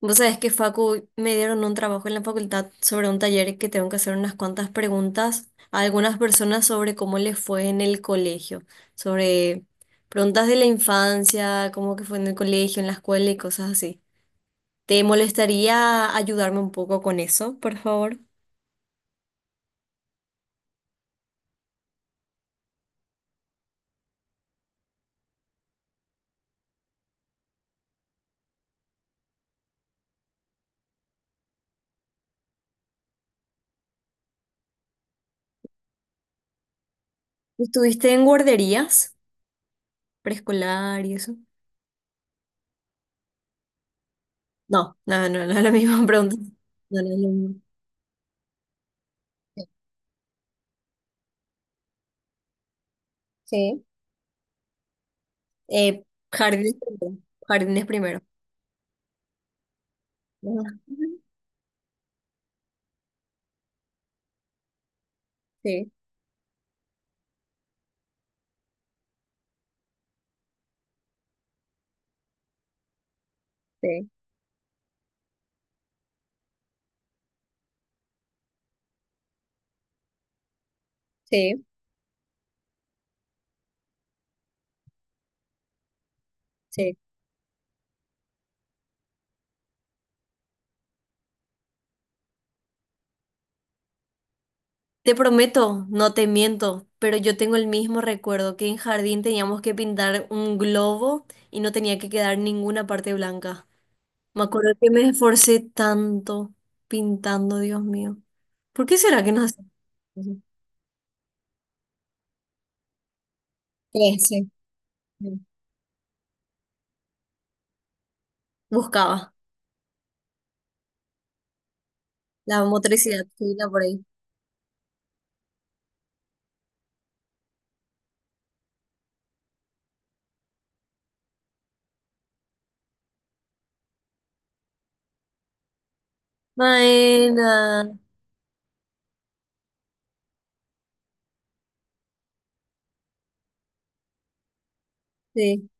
Vos sabés que Facu me dieron un trabajo en la facultad sobre un taller que tengo que hacer unas cuantas preguntas a algunas personas sobre cómo les fue en el colegio, sobre preguntas de la infancia, cómo que fue en el colegio, en la escuela y cosas así. ¿Te molestaría ayudarme un poco con eso, por favor? ¿Estuviste en guarderías preescolar y eso? No, no, no, no es la misma pregunta. No, no es lo mismo. Sí. Eh, Jardines primero. Jardines primero. Ajá. Sí. Sí. Sí, sí. Te prometo, no te miento, pero yo tengo el mismo recuerdo que en jardín teníamos que pintar un globo y no tenía que quedar ninguna parte blanca. Me acuerdo que me esforcé tanto pintando, Dios mío. ¿Por qué será que no hacían? Sí, sí. Sí. Buscaba la motricidad fina por ahí. Maena. Sí,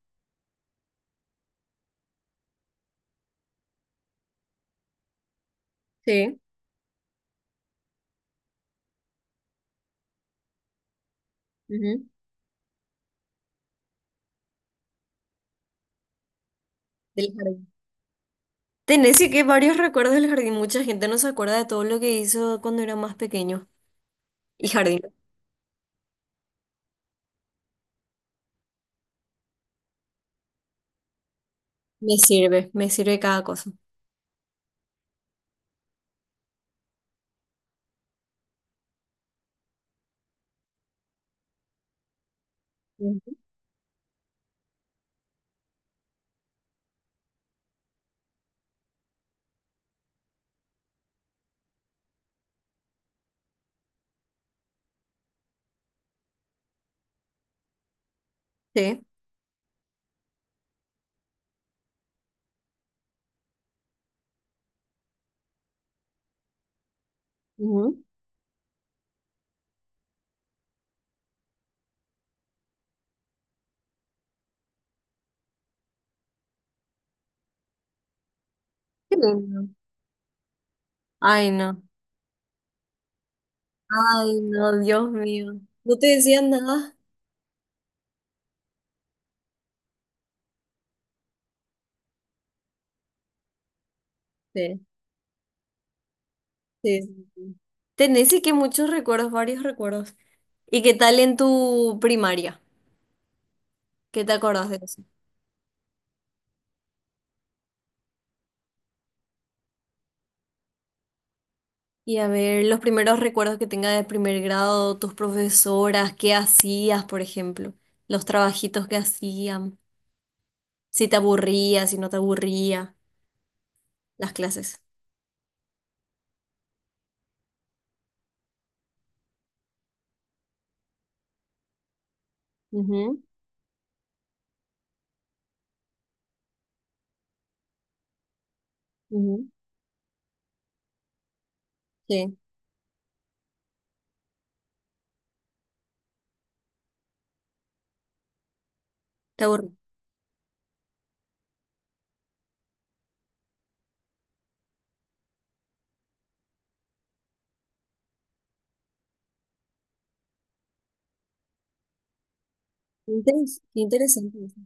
sí. Ujú. Del jardín. Tenés sí que varios recuerdos del jardín. Mucha gente no se acuerda de todo lo que hizo cuando era más pequeño. Y jardín. Me sirve cada cosa. Ujú. Sí. Ujú. Qué lindo. Ay, no. Ay, no, Dios mío. ¿No te decían nada? Sí, sí. Sí, sí. Tenés y que muchos recuerdos, varios recuerdos. ¿Y qué tal en tu primaria? ¿Qué te acordás de eso? Y a ver, los primeros recuerdos que tengas de primer grado, tus profesoras, qué hacías, por ejemplo, los trabajitos que hacían, si te aburría, si no te aburría, las clases. Ujú, ujú. Sí, te aburría. Qué interesante eso.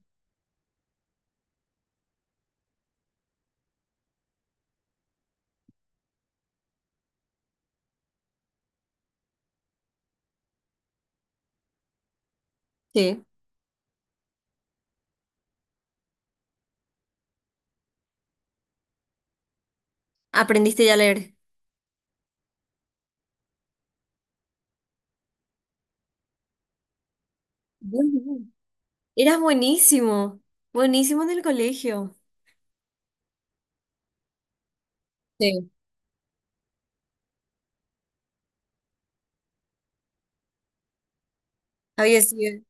Sí. ¿Aprendiste ya a leer? Dios mío. Eras buenísimo, buenísimo en el colegio. Sí. Había sido,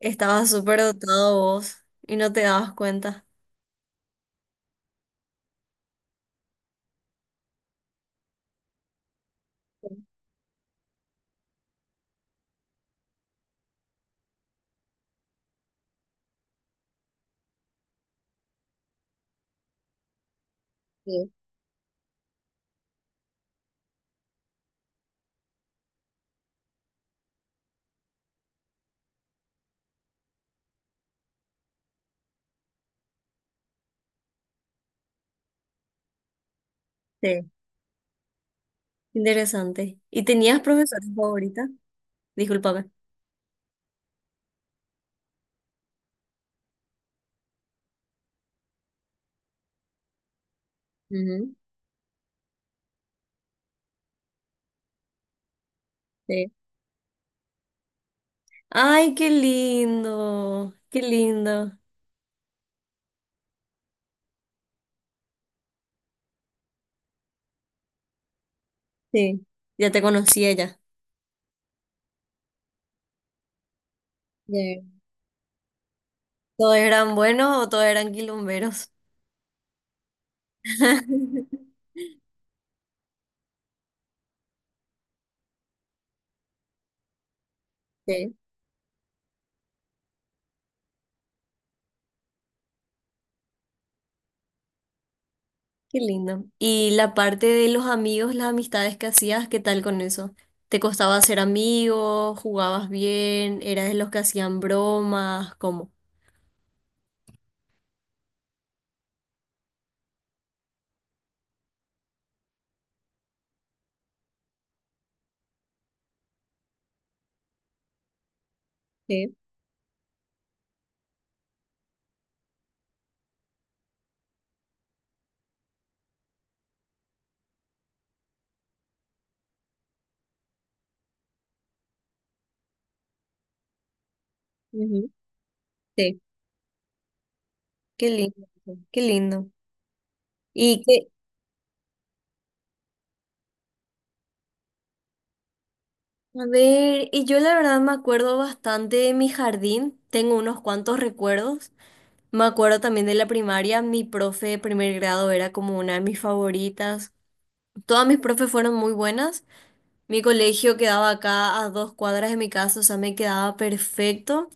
estabas súper dotado vos y no te dabas cuenta. Sí. Sí. Sí. Interesante. ¿Y tenías profesora favorita? Discúlpame. Ujú. Sí. Ay, qué lindo, qué lindo. Sí, ya te conocía ya. Ya. ¿Todos eran buenos o todos eran quilomberos? Sí. Qué lindo. Y la parte de los amigos, las amistades que hacías, ¿qué tal con eso? ¿Te costaba hacer amigos? ¿Jugabas bien? ¿Eras de los que hacían bromas? ¿Cómo? Sí, ujú, sí. Qué lindo, qué lindo. Y que, a ver, y yo la verdad me acuerdo bastante de mi jardín, tengo unos cuantos recuerdos. Me acuerdo también de la primaria, mi profe de primer grado era como una de mis favoritas. Todas mis profes fueron muy buenas. Mi colegio quedaba acá a dos cuadras de mi casa, o sea, me quedaba perfecto.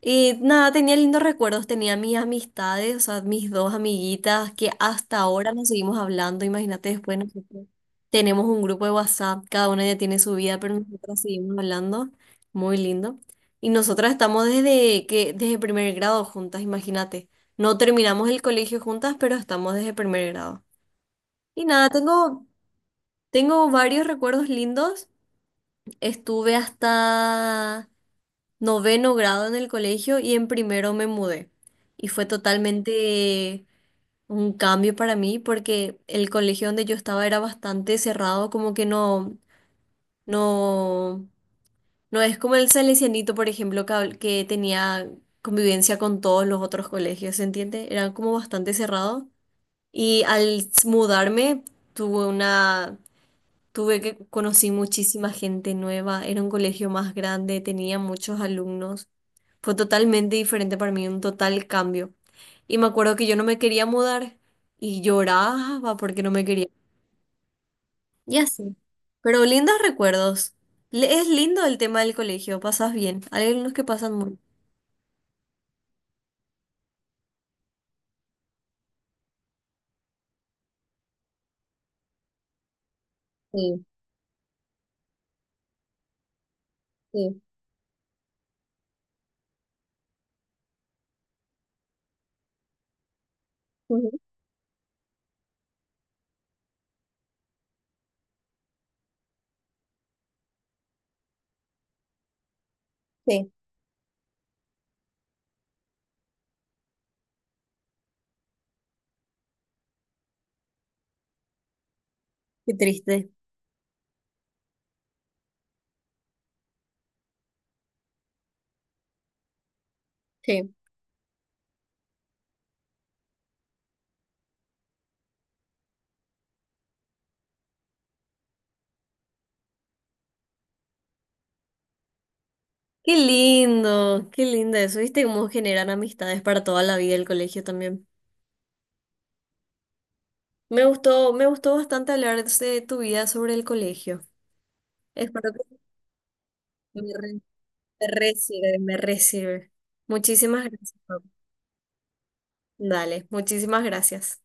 Y nada, tenía lindos recuerdos, tenía mis amistades, o sea, mis dos amiguitas que hasta ahora nos seguimos hablando. Imagínate, después nosotros tenemos un grupo de WhatsApp, cada una ya tiene su vida, pero nosotras seguimos hablando, muy lindo. Y nosotras estamos desde que desde primer grado juntas, imagínate. No terminamos el colegio juntas, pero estamos desde primer grado. Y nada, tengo varios recuerdos lindos. Estuve hasta noveno grado en el colegio y en primero me mudé. Y fue totalmente un cambio para mí porque el colegio donde yo estaba era bastante cerrado, como que no, no es como el Salesianito, por ejemplo, que, que tenía convivencia con todos los otros colegios, ¿se entiende? Era como bastante cerrado. Y al mudarme tuve una tuve que conocí muchísima gente nueva, era un colegio más grande, tenía muchos alumnos. Fue totalmente diferente para mí, un total cambio. Y me acuerdo que yo no me quería mudar y lloraba porque no me quería. Y así. Pero lindos recuerdos. Es lindo el tema del colegio, pasas bien. Hay algunos que pasan muy. Bien. Sí, sí, ujú, sí. Qué triste. Sí. Qué lindo eso. ¿Viste cómo generan amistades para toda la vida el colegio también? Me gustó bastante hablar de tu vida sobre el colegio. Espero que me re, me re sirve, me re sirve. Muchísimas gracias. Pau. Dale, muchísimas gracias.